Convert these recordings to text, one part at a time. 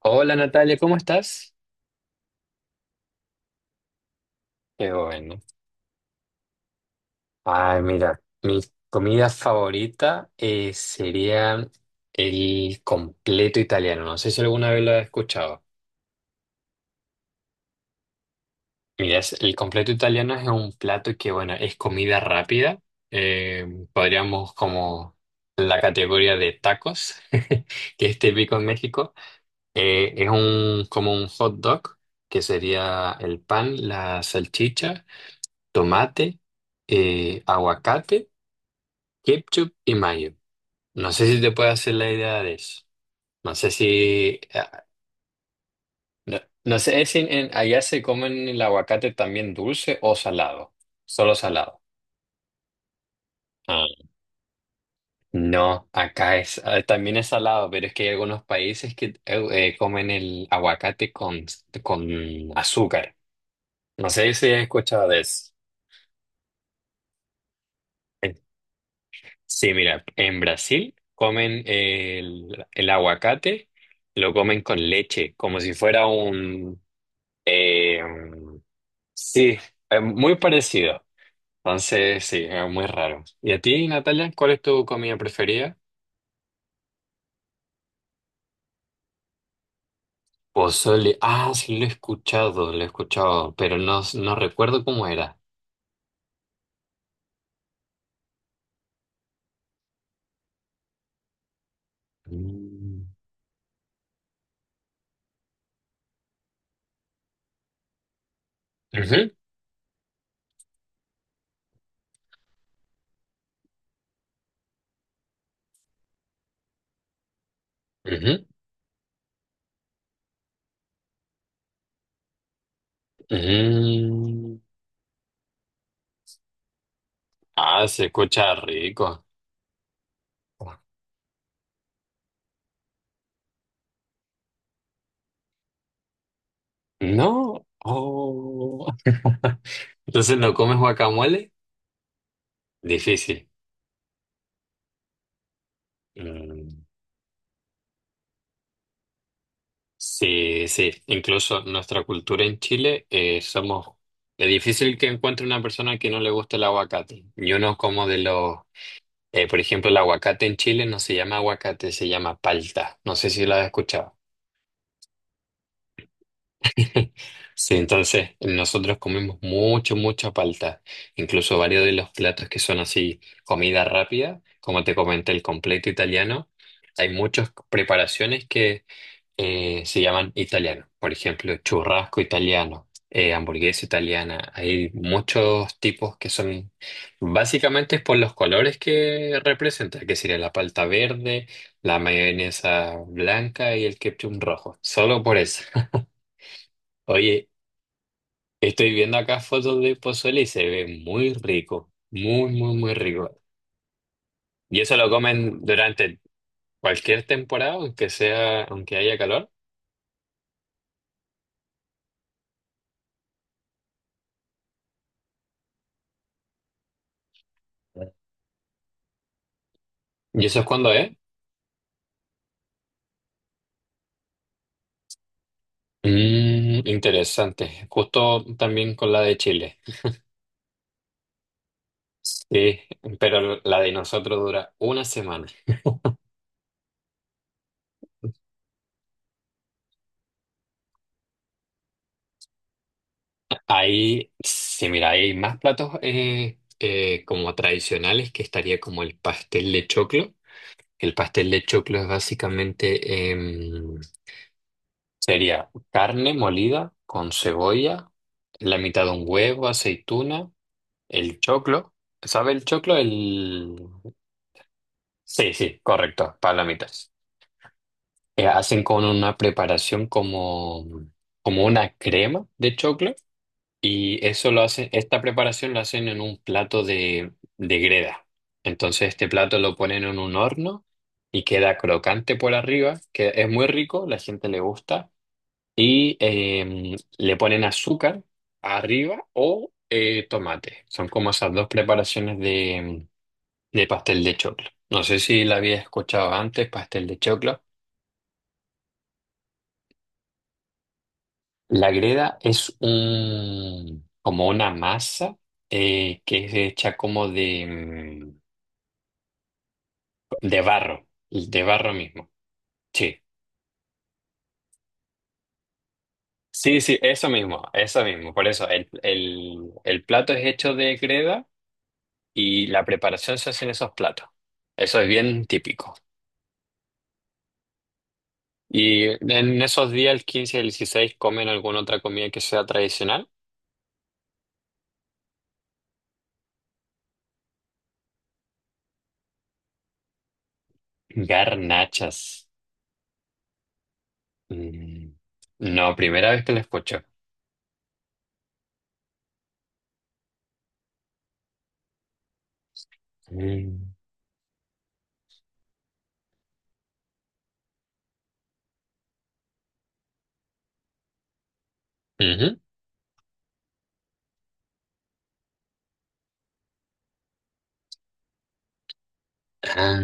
Hola Natalia, ¿cómo estás? Qué bueno. Ay, mira, mi comida favorita sería el completo italiano. No sé si alguna vez lo has escuchado. Mira, el completo italiano es un plato que, bueno, es comida rápida. Eh, podríamos como la categoría de tacos, que es típico en México. Es un, como un hot dog, que sería el pan, la salchicha, tomate, aguacate. Kipchup y Mayo. No sé si te puedes hacer la idea de eso. No sé si. Ah, no, no sé si allá se comen el aguacate también dulce o salado. Solo salado. Ah, no, acá es, también es salado, pero es que hay algunos países que comen el aguacate con azúcar. No sé si has escuchado de eso. Eh, Sí, mira, en Brasil comen el aguacate, lo comen con leche, como si fuera un. Eh, sí, muy parecido. Entonces, sí, es muy raro. ¿Y a ti, Natalia, cuál es tu comida preferida? Pozole. Ah, sí, lo he escuchado, pero no, no recuerdo cómo era. Mm. Ujú, ujú, ujú. Ah, se escucha rico. No. Oh. Entonces, ¿no comes guacamole? Difícil. Mm. Sí, sí, incluso nuestra cultura en Chile somos. Es difícil que encuentre una persona que no le guste el aguacate. Y uno como de los. Por ejemplo, el aguacate en Chile no se llama aguacate, se llama palta. No sé si lo has escuchado. Sí, entonces nosotros comemos mucho, mucha palta. Incluso varios de los platos que son así comida rápida, como te comenté, el completo italiano. Hay muchas preparaciones que se llaman italianos. Por ejemplo, churrasco italiano, hamburguesa italiana. Hay muchos tipos que son básicamente es por los colores que representa, que sería la palta verde, la mayonesa blanca y el ketchup rojo. Solo por eso. Oye, estoy viendo acá fotos de pozole y se ve muy rico, muy, muy, muy rico. ¿Y eso lo comen durante cualquier temporada, aunque sea, aunque haya calor? ¿Y eso es cuando es? Interesante. Justo también con la de Chile. Sí, pero la de nosotros dura una semana. Ahí, sí, mira, hay más platos como tradicionales que estaría como el pastel de choclo. El pastel de choclo es básicamente, sería carne molida con cebolla, la mitad de un huevo, aceituna, el choclo. ¿Sabe el choclo? El. Sí, sí, correcto, palomitas. Hacen con una preparación como una crema de choclo y eso lo hacen, esta preparación la hacen en un plato de greda. Entonces este plato lo ponen en un horno y queda crocante por arriba, que es muy rico, la gente le gusta, y le ponen azúcar arriba o tomate. Son como esas dos preparaciones de pastel de choclo. No sé si la había escuchado antes, pastel de choclo. La greda es un, como una masa que es hecha como de barro, de barro mismo. Sí, sí, sí, eso mismo, eso mismo. Por eso el plato es hecho de greda y la preparación se hace en esos platos. Eso es bien típico. Y en esos días, el 15 y el 16 comen alguna otra comida que sea tradicional. Garnachas. Mm, no, primera vez que la escucho. Mm. Ujú. Ah,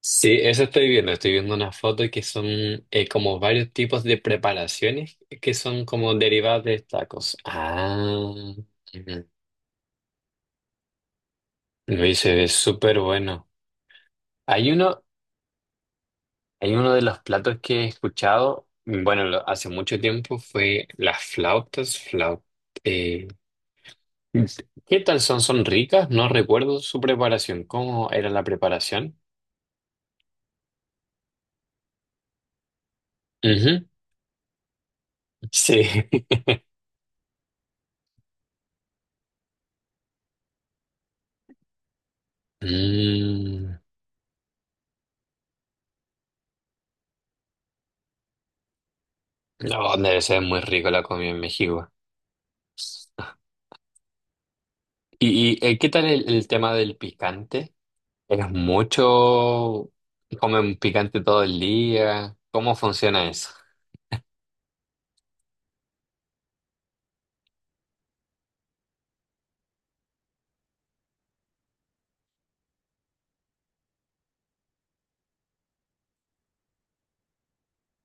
sí, eso estoy viendo. Estoy viendo unas fotos que son como varios tipos de preparaciones que son como derivadas de tacos. Ah, me se ve súper bueno. Hay uno, hay uno de los platos que he escuchado, bueno, hace mucho tiempo fue las flautas, eh, ¿Qué tal son? ¿Son ricas? No recuerdo su preparación. ¿Cómo era la preparación? Ujú, sí. Mm. No, debe ser muy rico la comida en México. ¿Y, qué tal el tema del picante? ¿Es mucho? ¿Comen picante todo el día? ¿Cómo funciona eso?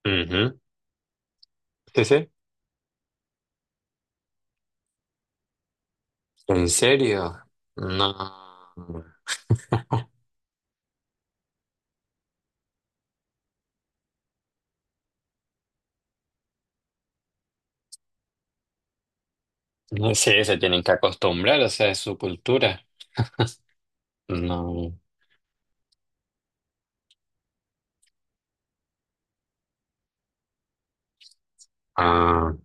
Ujú. Sí, sí. ¿En serio? No. No sé, se tienen que acostumbrar, o sea, es su cultura. No. Ah.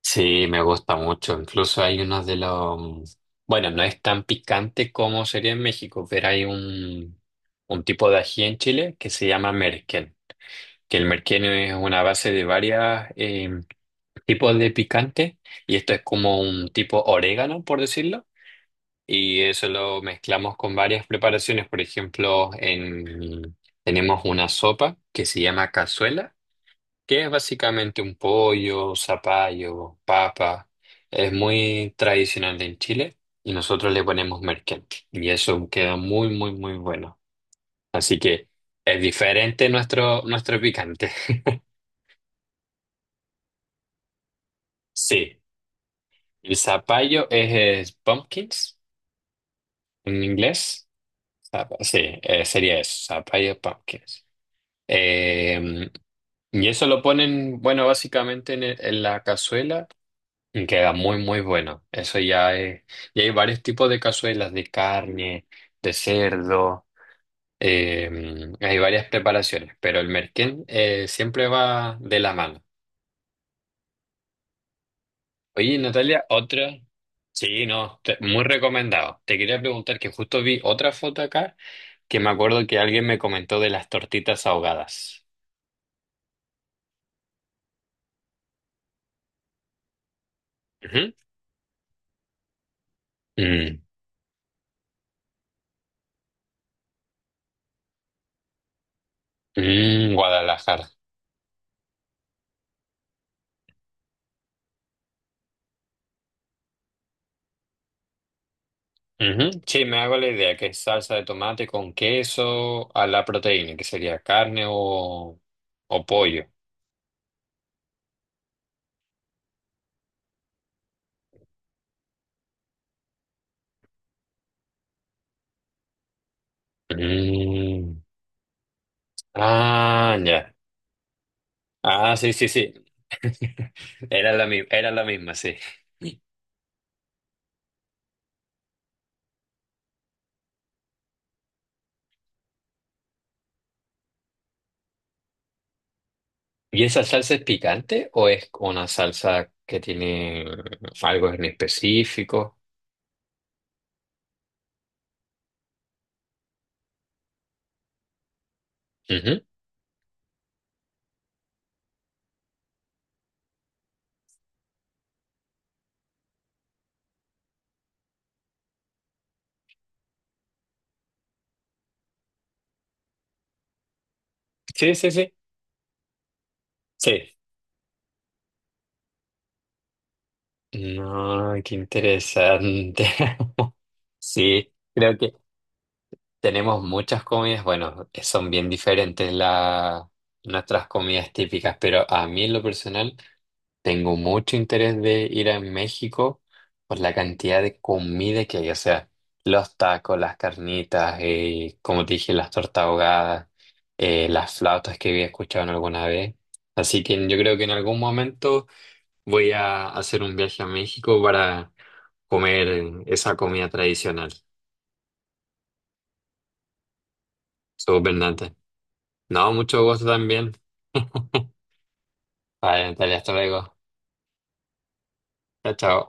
Sí, me gusta mucho. Incluso hay unos de los. Bueno, no es tan picante como sería en México, pero hay un tipo de ají en Chile que se llama merquén, que el merquén es una base de varios tipos de picante y esto es como un tipo orégano, por decirlo, y eso lo mezclamos con varias preparaciones. Por ejemplo, tenemos una sopa que se llama cazuela que es básicamente un pollo, zapallo, papa. Es muy tradicional en Chile y nosotros le ponemos merquén y eso queda muy, muy, muy bueno. Así que es diferente nuestro picante. Sí, el zapallo es pumpkins en inglés. Sí, sería eso, zapallo pumpkins. Eh, y eso lo ponen, bueno, básicamente en la cazuela y queda muy, muy bueno. Eso ya es. Y hay varios tipos de cazuelas, de carne, de cerdo. eh, hay varias preparaciones, pero el merquén siempre va de la mano. Oye, Natalia, otra. Sí, no, muy recomendado. Te quería preguntar que justo vi otra foto acá que me acuerdo que alguien me comentó de las tortitas ahogadas. Ujú. Mm, mm, Guadalajara. Ujú. Sí, me hago la idea que es salsa de tomate con queso a la proteína, que sería carne o pollo. Mm. Ah, ya. Ah, sí, sí, sí. Era la misma, sí. ¿Y esa salsa es picante o es una salsa que tiene algo en específico? Ujú. Sí, sí, sí. Sí. No, qué interesante. Sí, creo que tenemos muchas comidas, bueno, son bien diferentes nuestras comidas típicas, pero a mí en lo personal tengo mucho interés de ir a México por la cantidad de comida que hay, o sea, los tacos, las carnitas, como te dije, las tortas ahogadas, las flautas que había escuchado en alguna vez. Así que yo creo que en algún momento voy a hacer un viaje a México para comer esa comida tradicional. Somos No, mucho gusto también. Vale, Natalia, hasta luego. Chao, chao.